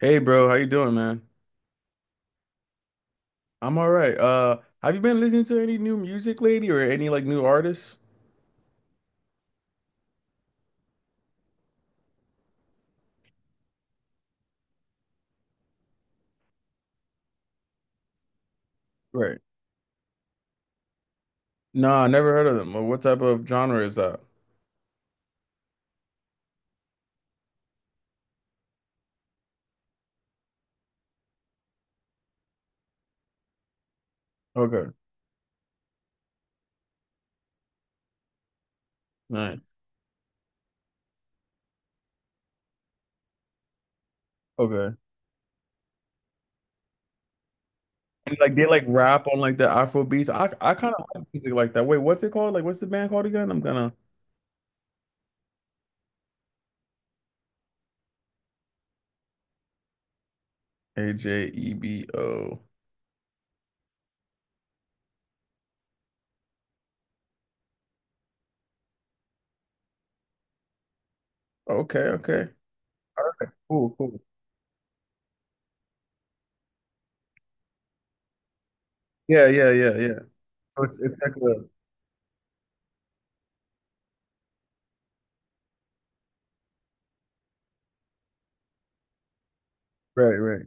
Hey bro, how you doing, man? I'm all right. Have you been listening to any new music lately or any like new artists? Right. Nah, I never heard of them. Well, what type of genre is that? Okay. Nice. Okay. And like they like rap on like the Afro beats. I kind of like music like that. Wait, what's it called? Like what's the band called again? I'm gonna... Ajebo. Okay, okay. Cool, cool. Yeah, yeah, yeah, yeah. So it's like a... right, right.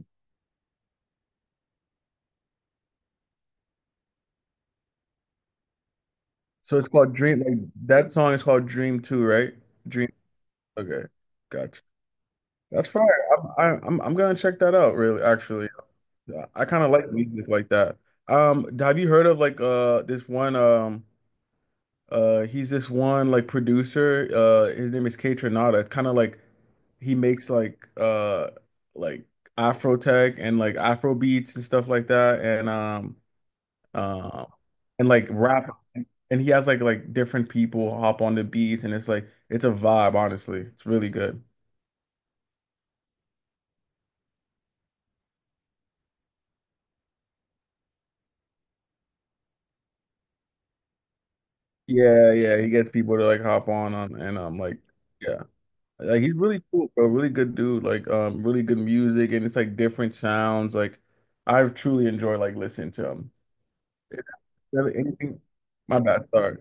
So it's called Dream, like that song is called Dream 2, right? Dream. Okay. Gotcha. That's fire. I'm, I- I'm gonna check that out. Really, actually, yeah, I kind of like music like that. Have you heard of like this one he's this one like producer, his name is K Tronada. It's kind of like he makes like Afro tech and like Afro beats and stuff like that, um and like rap, and he has like different people hop on the beats, and it's like it's a vibe. Honestly, it's really good. Yeah, yeah, he gets people to like hop on and like yeah. Like he's really cool, bro. Really good dude. Like really good music, and it's like different sounds. Like I've truly enjoyed like listening to him. Is there anything — my bad, sorry.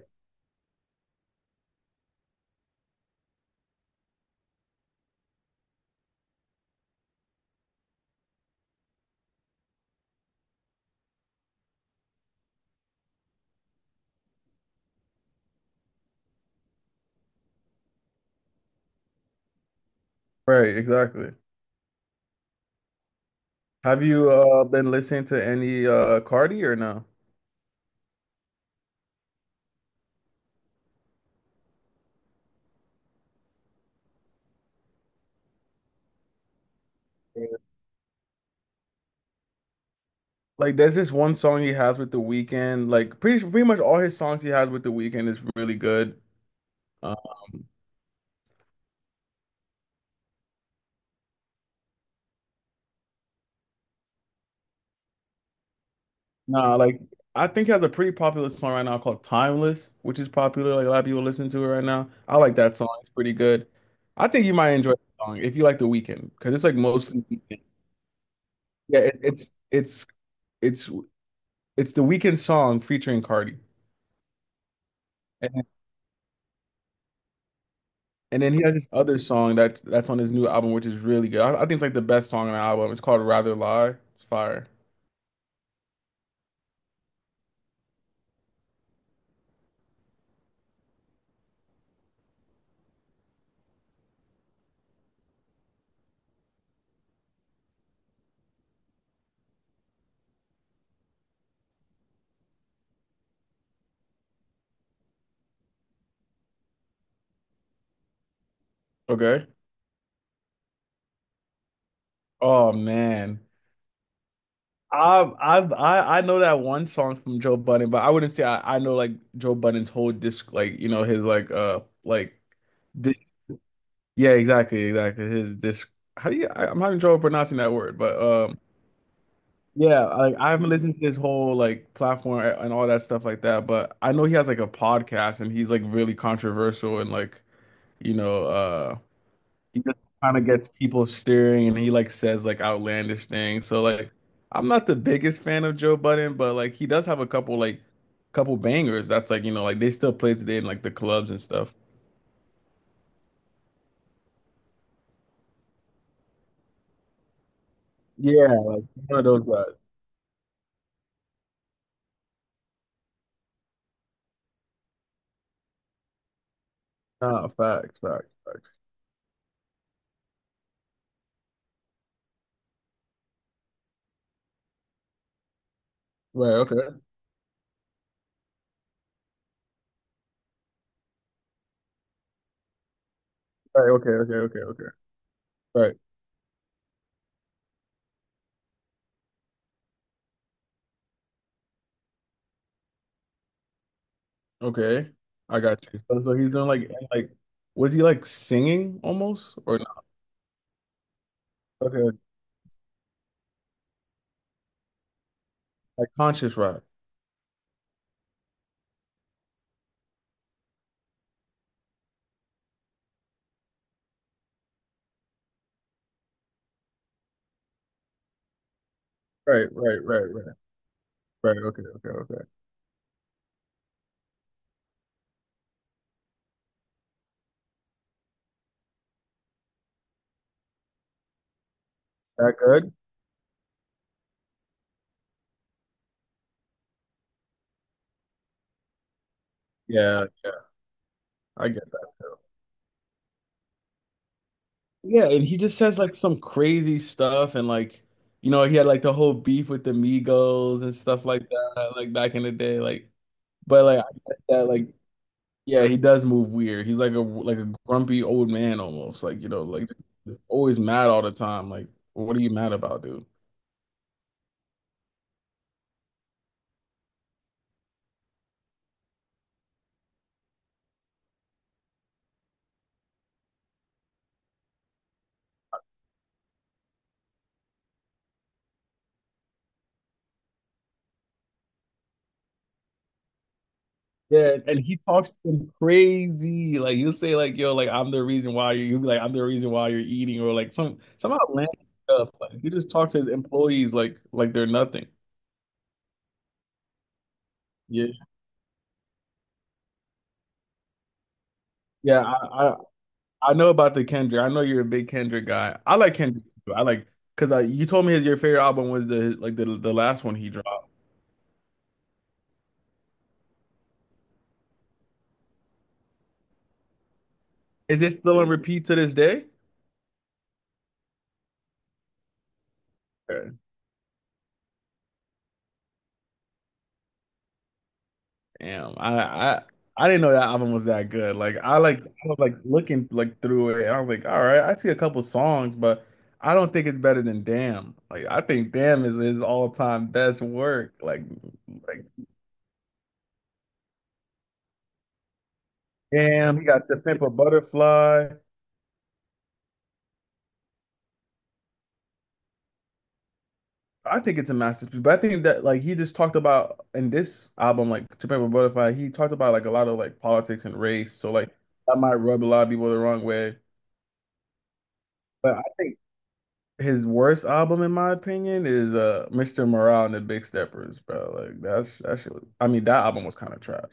Right, exactly. Have you been listening to any Cardi or no? Yeah. Like there's this one song he has with The Weeknd. Like pretty much all his songs he has with The Weeknd is really good. Um Nah, like I think he has a pretty popular song right now called Timeless, which is popular. Like a lot of people listen to it right now. I like that song. It's pretty good. I think you might enjoy the song if you like The Weeknd, because it's like mostly... yeah, it, it's it's The Weeknd song featuring Cardi. And and then he has this other song that's on his new album, which is really good. I think it's like the best song on the album. It's called Rather Lie. It's fire. Okay. Oh man. I know that one song from Joe Budden, but I wouldn't say I know like Joe Budden's whole disc, like you know his like di... yeah, exactly, exactly, his disc. How do you... I'm having trouble pronouncing that word, but yeah, like I haven't listened to his whole like platform and all that stuff like that, but I know he has like a podcast, and he's like really controversial, and like you know, he just kind of gets people staring, and he like says like outlandish things. So like I'm not the biggest fan of Joe Budden, but like he does have a couple like couple bangers. That's like, you know, like they still play today in like the clubs and stuff. Yeah, one of those guys. Ah, facts, facts, facts. Right, okay. Right, okay, okay, okay, okay. Right. Okay. I got you. So he's doing like, and, like was he like singing almost or not? Okay. Like conscious rock. Right, right, right, right. Right, okay, okay, okay. That good? Yeah, yeah. I get that too. Yeah, and he just says like some crazy stuff, and like you know, he had like the whole beef with the Migos and stuff like that, like back in the day. Like, but like I get that, like yeah, he does move weird. He's like a grumpy old man almost. Like, you know, like always mad all the time. Like, what are you mad about, dude? Yeah, and he talks some crazy. Like he'll say like, yo, like I'm the reason why you'll be like, I'm the reason why you're eating, or like some outlandish stuff. Like he just talks to his employees like they're nothing. Yeah, yeah, I know about the Kendrick. I know you're a big Kendrick guy. I like Kendrick too. I like because I you told me his your favorite album was the like the last one he dropped. Is it still on repeat to this day? Okay. Damn, I didn't know that album was that good. Like I was like looking like through it, and I was like, all right, I see a couple songs, but I don't think it's better than Damn. Like I think Damn is his all time best work. Like Damn, he got to Pimp a Butterfly. I think it's a masterpiece, but I think that like he just talked about in this album, like To Pimp a Butterfly, he talked about like a lot of like politics and race. So like that might rub a lot of people the wrong way. But I think his worst album, in my opinion, is Mr. Morale and the Big Steppers, bro. Like that's that shit. I mean, that album was kind of trash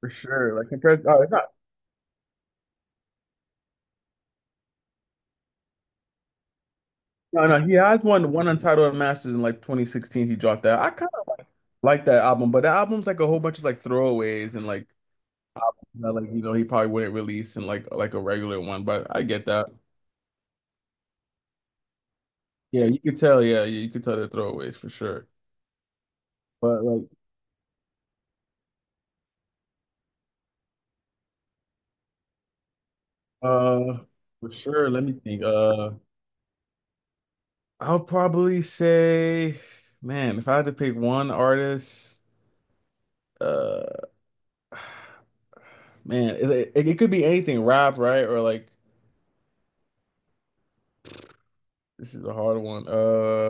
for sure. Like compared, oh, it's not. No, no, he has one Untitled Masters in like 2016. He dropped that. I kind of like that album, but the album's like a whole bunch of like throwaways, and like... not like you know he probably wouldn't release in like a regular one, but I get that. Yeah, you could tell. Yeah, you could tell the throwaways for sure. But like, uh, for sure. Let me think. I'll probably say, man, if I had to pick one artist, uh, man, it could be anything, rap, right? Or like, this is a hard one.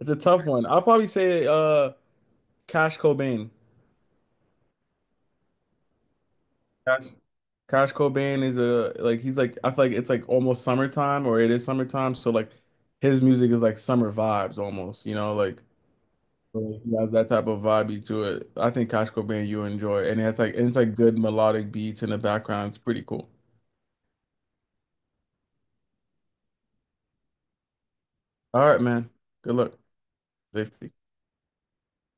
It's a tough one. I'll probably say, Cash Cobain. Cash Cobain is a like he's like I feel like it's like almost summertime, or it is summertime, so like his music is like summer vibes almost, you know, like so he has that type of vibe to it. I think Cash Cobain you enjoy, and it's like good melodic beats in the background. It's pretty cool. All right, man. Good luck. Safety.